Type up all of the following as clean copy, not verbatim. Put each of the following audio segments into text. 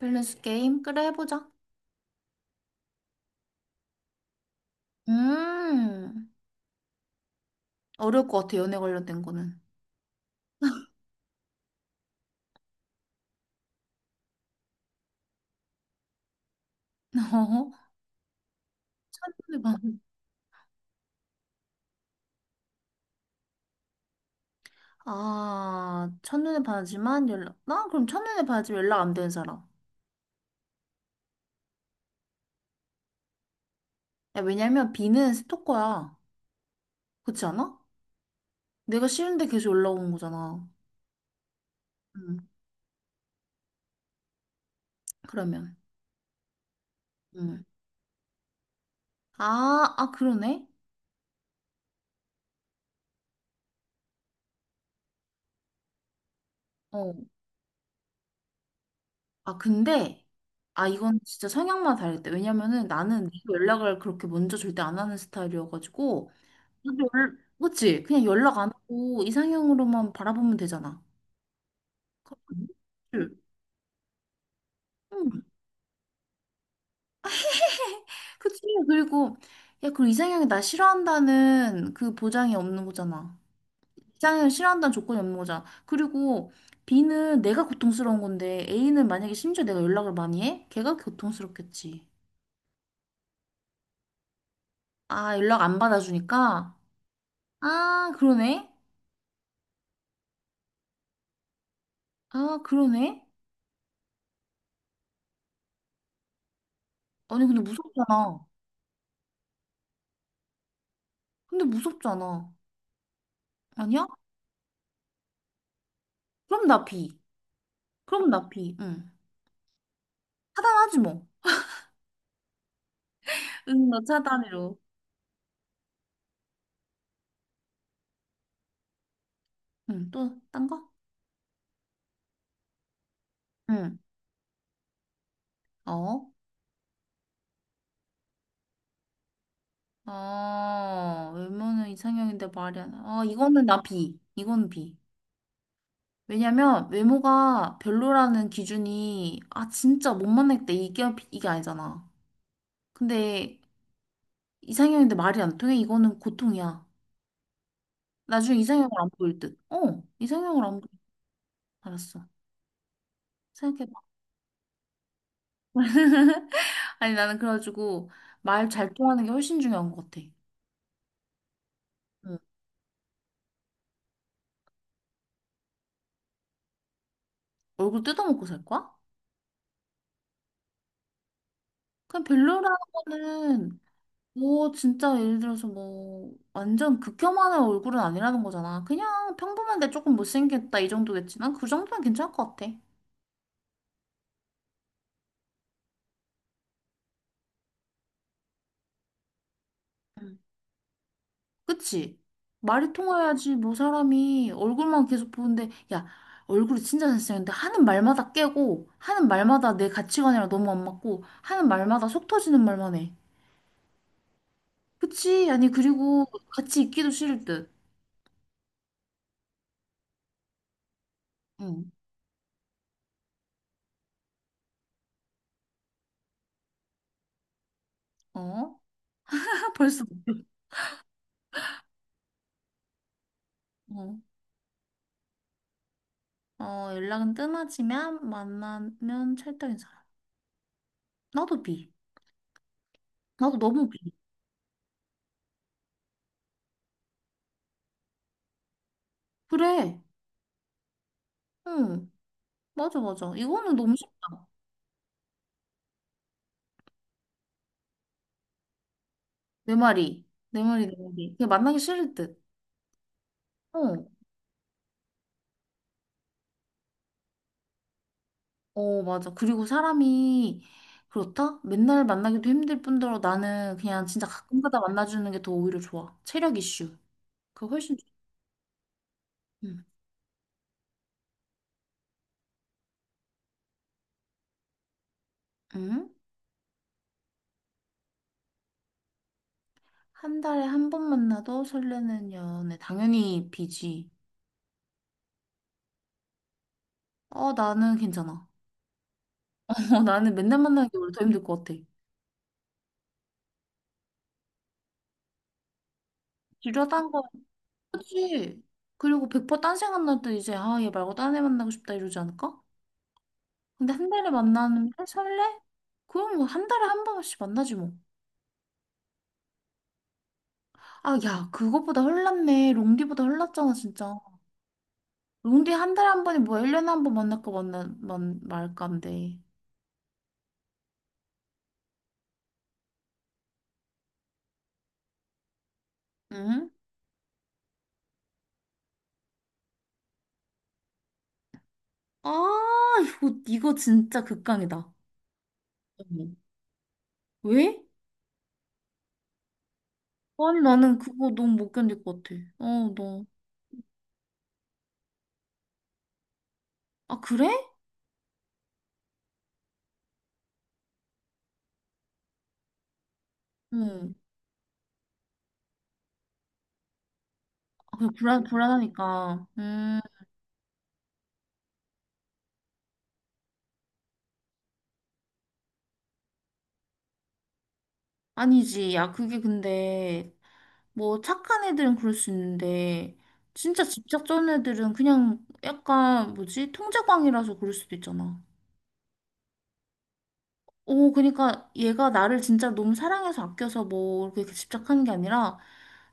밸런스 게임? 그래, 해보자. 음, 어려울 것 같아, 연애 관련된 거는. 어? 첫눈에 반. 아, 첫눈에 반하지만 연락. 나 그럼 첫눈에 반하지만 연락 안 되는 사람. 야, 왜냐면 B는 스토커야. 그렇지 않아? 내가 싫은데 계속 연락 오는 거잖아. 음, 그러면. 음. 아, 아, 그러네? 어. 아, 근데. 아, 이건 진짜 성향만 다를 때. 왜냐면은 나는 네가 연락을 그렇게 먼저 절대 안 하는 스타일이어가지고. 근데 그치? 그냥 연락 안 하고 이상형으로만 바라보면 되잖아. 그치? 응, 그치? 그리고, 야, 그 이상형이 나 싫어한다는 그 보장이 없는 거잖아. 이상형을 싫어한다는 조건이 없는 거잖아. 그리고 B는 내가 고통스러운 건데 A는 만약에 심지어 내가 연락을 많이 해? 걔가 고통스럽겠지. 아, 연락 안 받아주니까? 아, 그러네? 아, 그러네? 아니, 근데 무섭잖아. 근데 무섭잖아. 아니야? 그럼 나 B. 그럼 나 B. 응. 차단하지 뭐. 응, 너 차단으로. 응, 또, 딴 거? 응. 어? 아, 외모는 이상형인데 말이 안 나. 아, 이거는 나 B. 이건 B. 왜냐면 외모가 별로라는 기준이 아 진짜 못 만나겠다 이게 이게 아니잖아. 근데 이상형인데 말이 안 통해 이거는 고통이야. 나중에 이상형을 안 보일 듯. 어, 이상형을 안 보일 듯. 알았어. 생각해봐. 아니 나는 그래가지고 말 잘 통하는 게 훨씬 중요한 것 같아. 응. 얼굴 뜯어먹고 살 거야? 그냥 별로라고는 뭐 진짜 예를 들어서 뭐 완전 극혐하는 얼굴은 아니라는 거잖아. 그냥 평범한데 조금 못생겼다 이 정도겠지. 난 그 정도면 괜찮을 것 같아. 음. 그치? 말이 통해야지 뭐 사람이 얼굴만 계속 보는데 야 얼굴이 진짜 잘생겼는데 하는 말마다 깨고 하는 말마다 내 가치관이랑 너무 안 맞고 하는 말마다 속 터지는 말만 해. 그치? 아니 그리고 같이 있기도 싫을 듯. 응. 어? 벌써. 어. 어, 연락은 뜸하지만 만나면 찰떡인 사람. 나도 B. 나도 너무 B. 그래. 응. 맞아, 맞아. 이거는 너무 쉽다. 내 말이. 내 말이, 내 말이. 그냥 만나기 싫을 듯. 어. 어, 맞아. 그리고 사람이 그렇다? 맨날 만나기도 힘들 뿐더러 나는 그냥 진짜 가끔 가다 만나주는 게 더 오히려 좋아. 체력 이슈. 그거 훨씬 좋아. 응. 응? 한 달에 한 번 만나도 설레는 연애. 당연히 B지. 어, 나는 괜찮아. 어, 나는 맨날 만나는 게 오히려 더 힘들 것 같아. 지루하다는 거 알지? 그리고 100% 딴 생각 날 때 이제 아, 얘 말고 딴 애 만나고 싶다 이러지 않을까? 근데 한 달에 만나면 설레? 그럼 뭐 한 달에 한 번씩 만나지 뭐. 아, 야, 그것보다 흘났네. 롱디보다 흘났잖아, 진짜. 롱디 한 달에 한 번이 뭐야? 1년에 한 번 만날까 만나 만 말까인데. 응? 아, 이거 진짜 극강이다. 어머. 왜? 아니, 나는 그거 너무 못 견딜 것 같아. 어, 너. 아, 그래? 응. 그 불안하니까. 아니지. 야, 그게 근데, 뭐, 착한 애들은 그럴 수 있는데, 진짜 집착 전 애들은 그냥 약간, 뭐지? 통제광이라서 그럴 수도 있잖아. 오, 그러니까 얘가 나를 진짜 너무 사랑해서 아껴서 뭐, 그렇게 집착하는 게 아니라,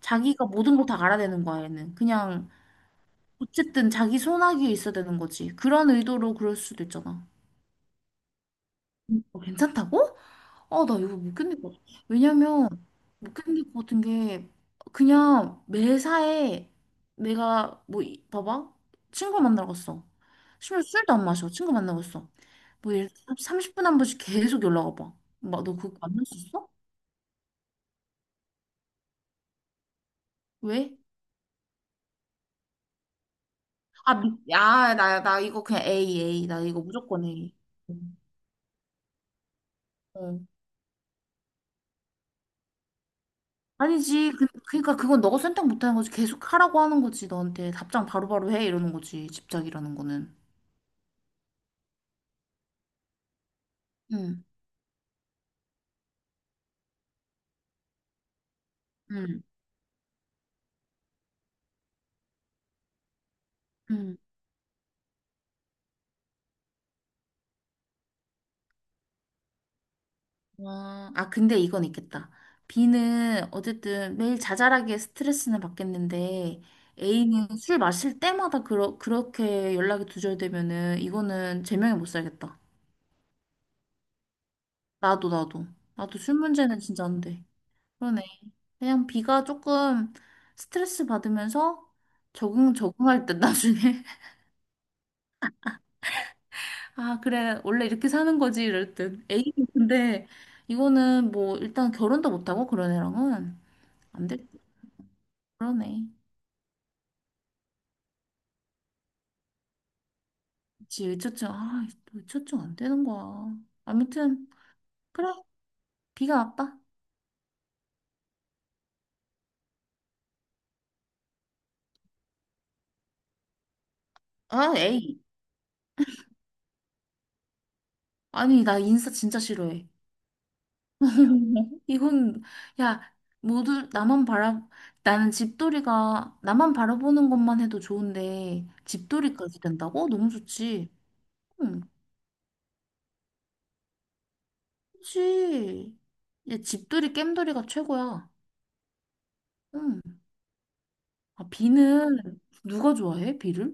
자기가 모든 걸 다 알아야 되는 거야, 얘는. 그냥, 어쨌든 자기 손아귀에 있어야 되는 거지. 그런 의도로 그럴 수도 있잖아. 어, 괜찮다고? 아, 나 이거 못 견딜 것 같아. 왜냐면, 못 견딜 것 같은 게, 그냥 매사에 내가, 뭐, 봐봐. 친구 만나러 갔어. 심지어 술도 안 마셔. 친구 만나러 갔어. 뭐, 예를 들어 30분 한 번씩 계속 연락 와봐. 막, 너 그거 만날 수 있어? 왜? 아, 야, 나 이거 그냥 A, A. 나 이거 무조건 A. 어. 아니지. 그러니까 그건 너가 선택 못하는 거지. 계속 하라고 하는 거지. 너한테 답장 바로바로 해. 이러는 거지. 집착이라는 거는. 응, 응, 응. 아, 아, 근데 이건 있겠다. B는 어쨌든 매일 자잘하게 스트레스는 받겠는데, A는 술 마실 때마다 그렇게 연락이 두절되면은, 이거는 제명에 못 살겠다. 나도, 나도. 나도 술 문제는 진짜 안 돼. 그러네. 그냥 B가 조금 스트레스 받으면서 적응할 듯, 나중에. 아, 그래. 원래 이렇게 사는 거지, 이럴 듯. A는 근데, 이거는 뭐, 일단 결혼도 못하고, 그런 애랑은. 안 될, 듯. 그러네. 그치, 외초증. 아, 또 외초증 안 되는 거야. 아무튼, 그래. 비가 와빠 아, 에이. 아니, 나 인사 진짜 싫어해. 이건 야, 모두 나만 바라, 나는 집돌이가, 나만 바라보는 것만 해도 좋은데, 집돌이까지 된다고? 너무 좋지. 응, 그치. 야, 집돌이, 겜돌이가 최고야. 응. 아, 비는, 누가 좋아해, 비를?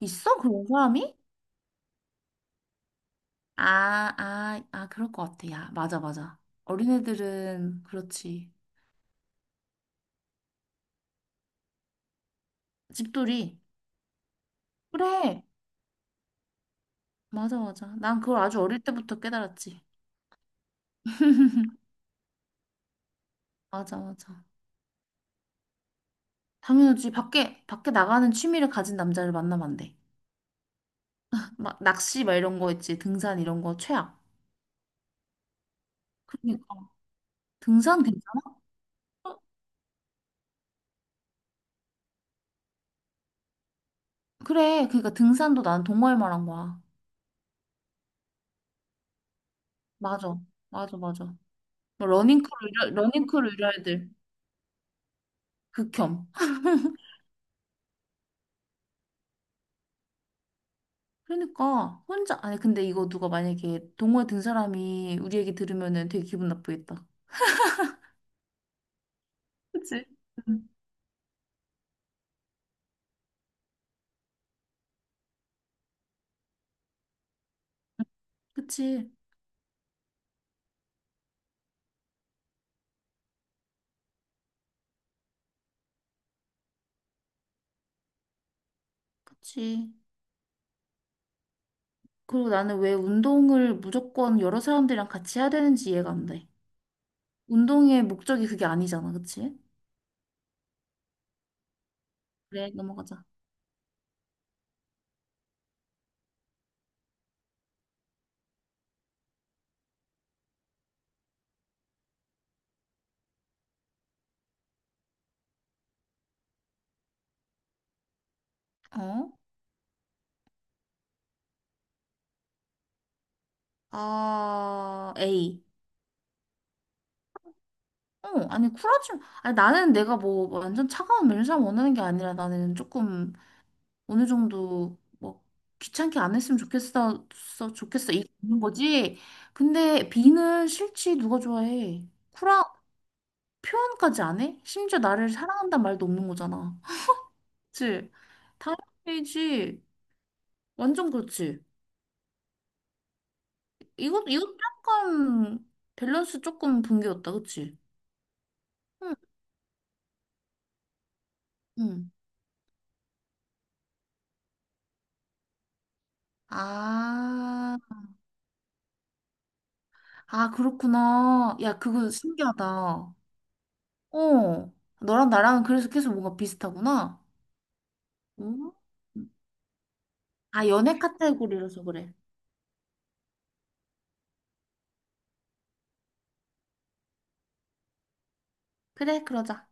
있어? 그런 사람이? 아, 아, 아, 그럴 것 같아. 야, 맞아, 맞아. 어린애들은 그렇지. 집돌이. 그래. 맞아, 맞아. 난 그걸 아주 어릴 때부터 깨달았지. 맞아, 맞아. 당연하지. 밖에, 밖에 나가는 취미를 가진 남자를 만나면 안 돼. 막 낚시 막 이런 거 있지. 등산 이런 거 최악. 그러니까. 등산 괜찮아? 어, 그래. 그러니까 등산도 난 동호회 말한 거야. 맞아. 맞아, 맞아. 뭐 러닝크루, 러닝크루 이런 애들. 극혐. 그러니까 혼자 아니 근데 이거 누가 만약에 동호회 든 사람이 우리 얘기 들으면은 되게 기분 나쁘겠다. 그치? 응. 그치? 그치. 그리고 나는 왜 운동을 무조건 여러 사람들이랑 같이 해야 되는지 이해가 안 돼. 운동의 목적이 그게 아니잖아. 그치? 그래, 넘어가자. 어? 아, A. 어, 아니, 쿨하지. 아니, 나는 내가 뭐 완전 차가운 면상 원하는 게 아니라 나는 조금 어느 정도 뭐 귀찮게 안 했으면 좋겠어, 좋겠어 이거 있는 거지. 근데 B는 싫지 누가 좋아해? 쿨한 표현까지 안 해? 심지어 나를 사랑한다는 말도 없는 거잖아. 그치? 당연히지. 완전 그렇지. 이것 약간 밸런스 조금 붕괴였다, 그치? 응, 응. 아, 아 그렇구나. 야, 그거 신기하다. 어, 너랑 나랑 그래서 계속 뭔가 비슷하구나. 응? 아, 연애 카테고리라서 그래. 그래, 그러자.